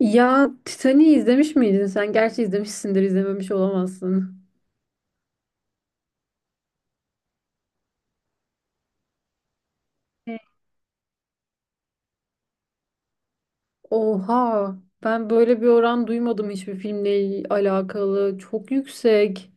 Ya Titanic'i izlemiş miydin sen? Gerçi izlemişsindir, izlememiş olamazsın. Evet. Oha, ben böyle bir oran duymadım hiçbir filmle alakalı. Çok yüksek.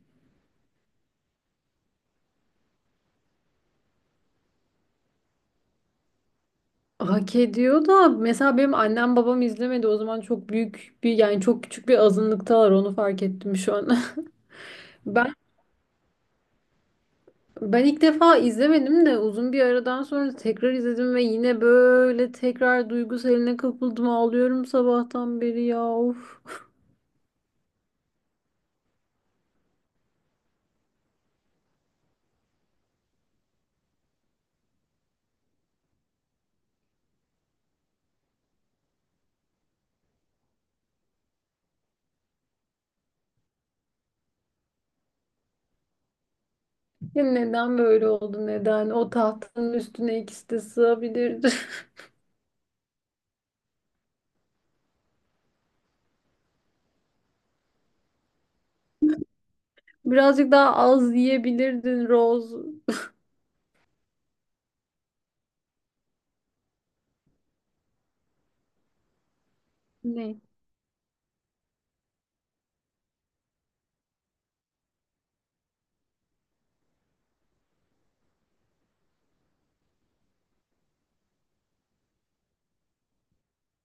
Hak ediyor da mesela benim annem babam izlemedi. O zaman çok büyük bir yani çok küçük bir azınlıktalar, onu fark ettim şu an. Ben ben ilk defa izlemedim de uzun bir aradan sonra tekrar izledim ve yine böyle tekrar duygusaline kapıldım. Ağlıyorum sabahtan beri ya. Of. Ya neden böyle oldu, neden? O tahtanın üstüne ikisi de sığabilirdi. Birazcık daha az yiyebilirdin Rose. Ne?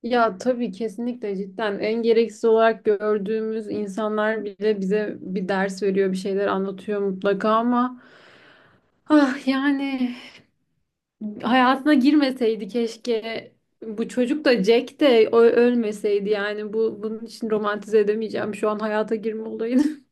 Ya tabii kesinlikle, cidden en gereksiz olarak gördüğümüz insanlar bile bize bir ders veriyor, bir şeyler anlatıyor mutlaka ama ah, yani hayatına girmeseydi keşke, bu çocuk da, Jack de ölmeseydi, yani bu, bunun için romantize edemeyeceğim şu an hayata girme olayını.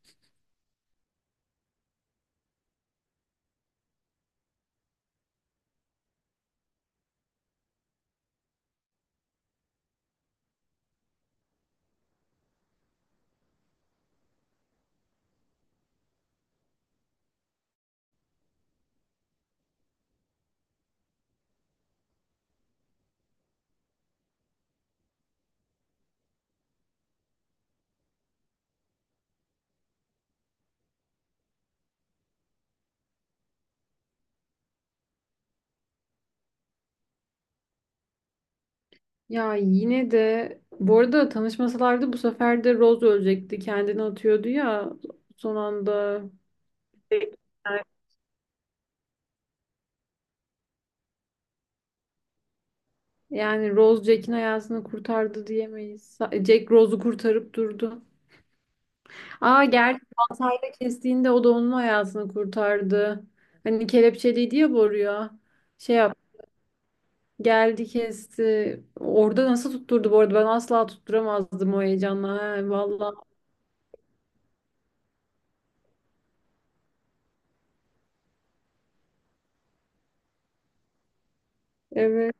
Ya yine de bu arada tanışmasalardı bu sefer de Rose ölecekti. Kendini atıyordu ya son anda. Yani, yani Rose Jack'in hayatını kurtardı diyemeyiz. Jack Rose'u kurtarıp durdu. Aa gerçi baltayla kestiğinde o da onun hayatını kurtardı. Hani kelepçeliydi ya boruya. Şey yap, geldi kesti. Orada nasıl tutturdu bu arada? Ben asla tutturamazdım o heyecanla. He, vallahi. Evet.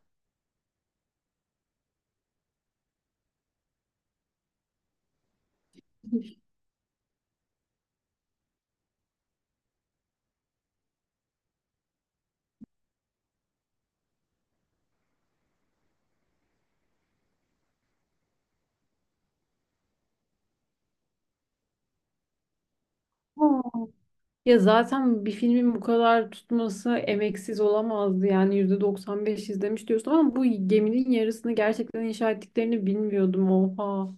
Ya zaten bir filmin bu kadar tutması emeksiz olamazdı. Yani %95 izlemiş diyorsun ama bu geminin yarısını gerçekten inşa ettiklerini bilmiyordum. Oha.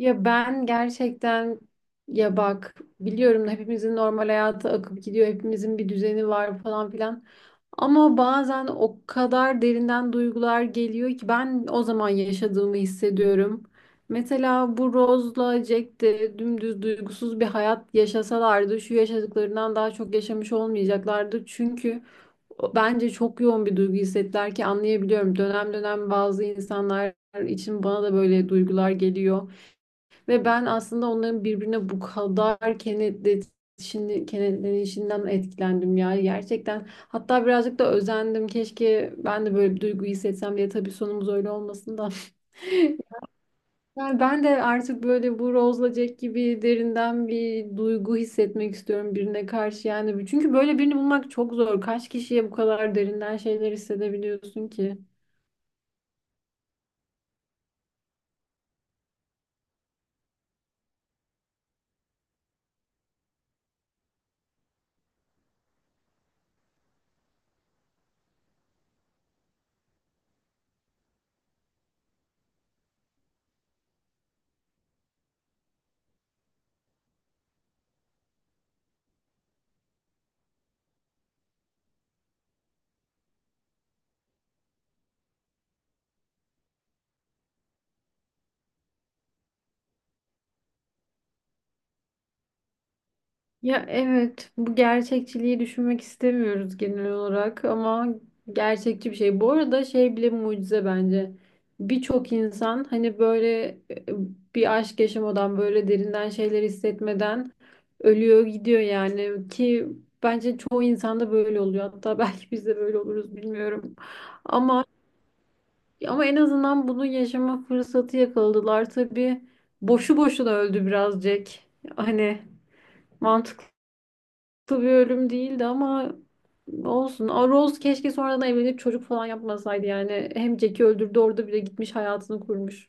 Ya ben gerçekten, ya bak, biliyorum hepimizin normal hayatı akıp gidiyor. Hepimizin bir düzeni var falan filan. Ama bazen o kadar derinden duygular geliyor ki ben o zaman yaşadığımı hissediyorum. Mesela bu Rose'la Jack de dümdüz duygusuz bir hayat yaşasalardı şu yaşadıklarından daha çok yaşamış olmayacaklardı. Çünkü bence çok yoğun bir duygu hissettiler ki anlayabiliyorum. Dönem dönem bazı insanlar için bana da böyle duygular geliyor. Ve ben aslında onların birbirine bu kadar kenetlenişini, kenetlenişinden etkilendim ya gerçekten. Hatta birazcık da özendim. Keşke ben de böyle bir duygu hissetsem diye. Tabii sonumuz öyle olmasın da. Yani ben de artık böyle bu Rose'la Jack gibi derinden bir duygu hissetmek istiyorum birine karşı yani. Çünkü böyle birini bulmak çok zor. Kaç kişiye bu kadar derinden şeyler hissedebiliyorsun ki? Ya evet, bu gerçekçiliği düşünmek istemiyoruz genel olarak ama gerçekçi bir şey. Bu arada şey bile mucize bence. Birçok insan hani böyle bir aşk yaşamadan, böyle derinden şeyler hissetmeden ölüyor gidiyor yani, ki bence çoğu insanda böyle oluyor. Hatta belki biz de böyle oluruz, bilmiyorum. Ama ama en azından bunu yaşama fırsatı yakaladılar. Tabii boşu boşuna öldü birazcık. Hani mantıklı. Tabii bir ölüm değildi ama olsun. A, Rose keşke sonradan evlenip çocuk falan yapmasaydı yani. Hem Jack'i öldürdü, orada bile gitmiş hayatını kurmuş.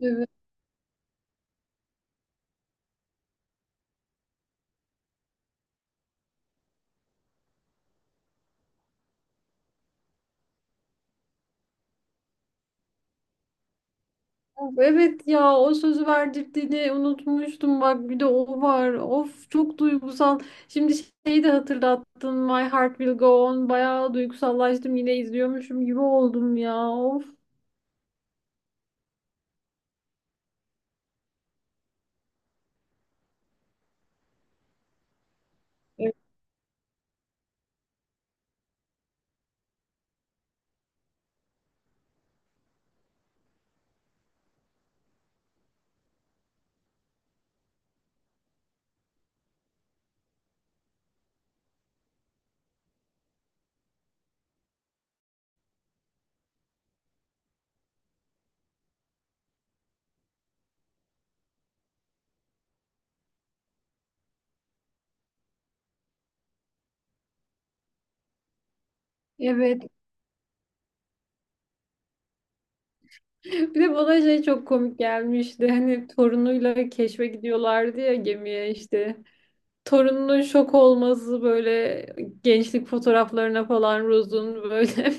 Evet. Of, evet ya, o sözü verdirdiğini unutmuştum, bak bir de o var. Of, çok duygusal. Şimdi şeyi de hatırlattın, My Heart Will Go On. Bayağı duygusallaştım, yine izliyormuşum gibi oldum ya. Of. Evet. Bir de bana şey çok komik gelmişti. Hani torunuyla keşfe gidiyorlardı ya gemiye işte. Torununun şok olması, böyle gençlik fotoğraflarına falan Rose'un böyle.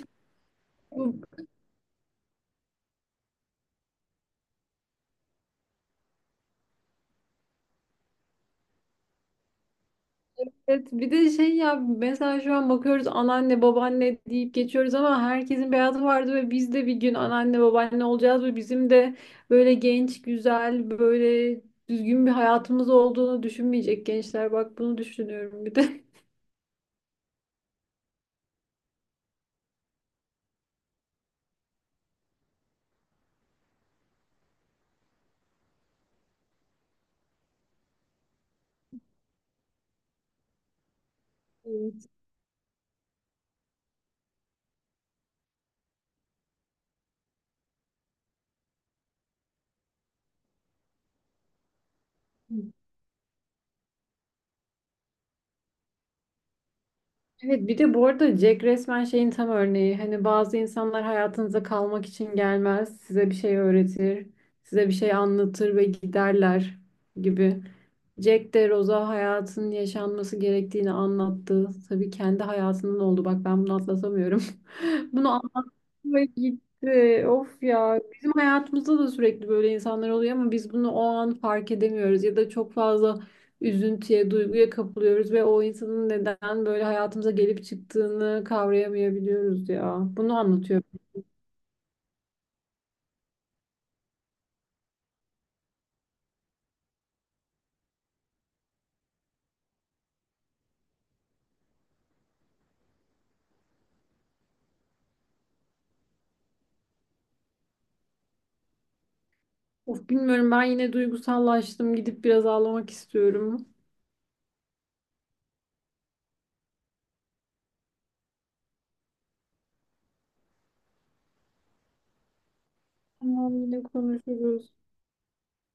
Evet, bir de şey ya, mesela şu an bakıyoruz anneanne babaanne deyip geçiyoruz ama herkesin beyazı vardı ve biz de bir gün anneanne babaanne olacağız ve bizim de böyle genç güzel, böyle düzgün bir hayatımız olduğunu düşünmeyecek gençler, bak bunu düşünüyorum bir de. Evet. Evet bir de bu arada Jack resmen şeyin tam örneği. Hani bazı insanlar hayatınıza kalmak için gelmez. Size bir şey öğretir, size bir şey anlatır ve giderler gibi. Jack de Rose'a hayatın yaşanması gerektiğini anlattı. Tabii kendi hayatının oldu. Bak ben bunu atlatamıyorum. Bunu anlatma gitti. Of ya. Bizim hayatımızda da sürekli böyle insanlar oluyor ama biz bunu o an fark edemiyoruz ya da çok fazla üzüntüye, duyguya kapılıyoruz ve o insanın neden böyle hayatımıza gelip çıktığını kavrayamayabiliyoruz ya. Bunu anlatıyor. Of bilmiyorum, ben yine duygusallaştım. Gidip biraz ağlamak istiyorum. Tamam, yine konuşuruz.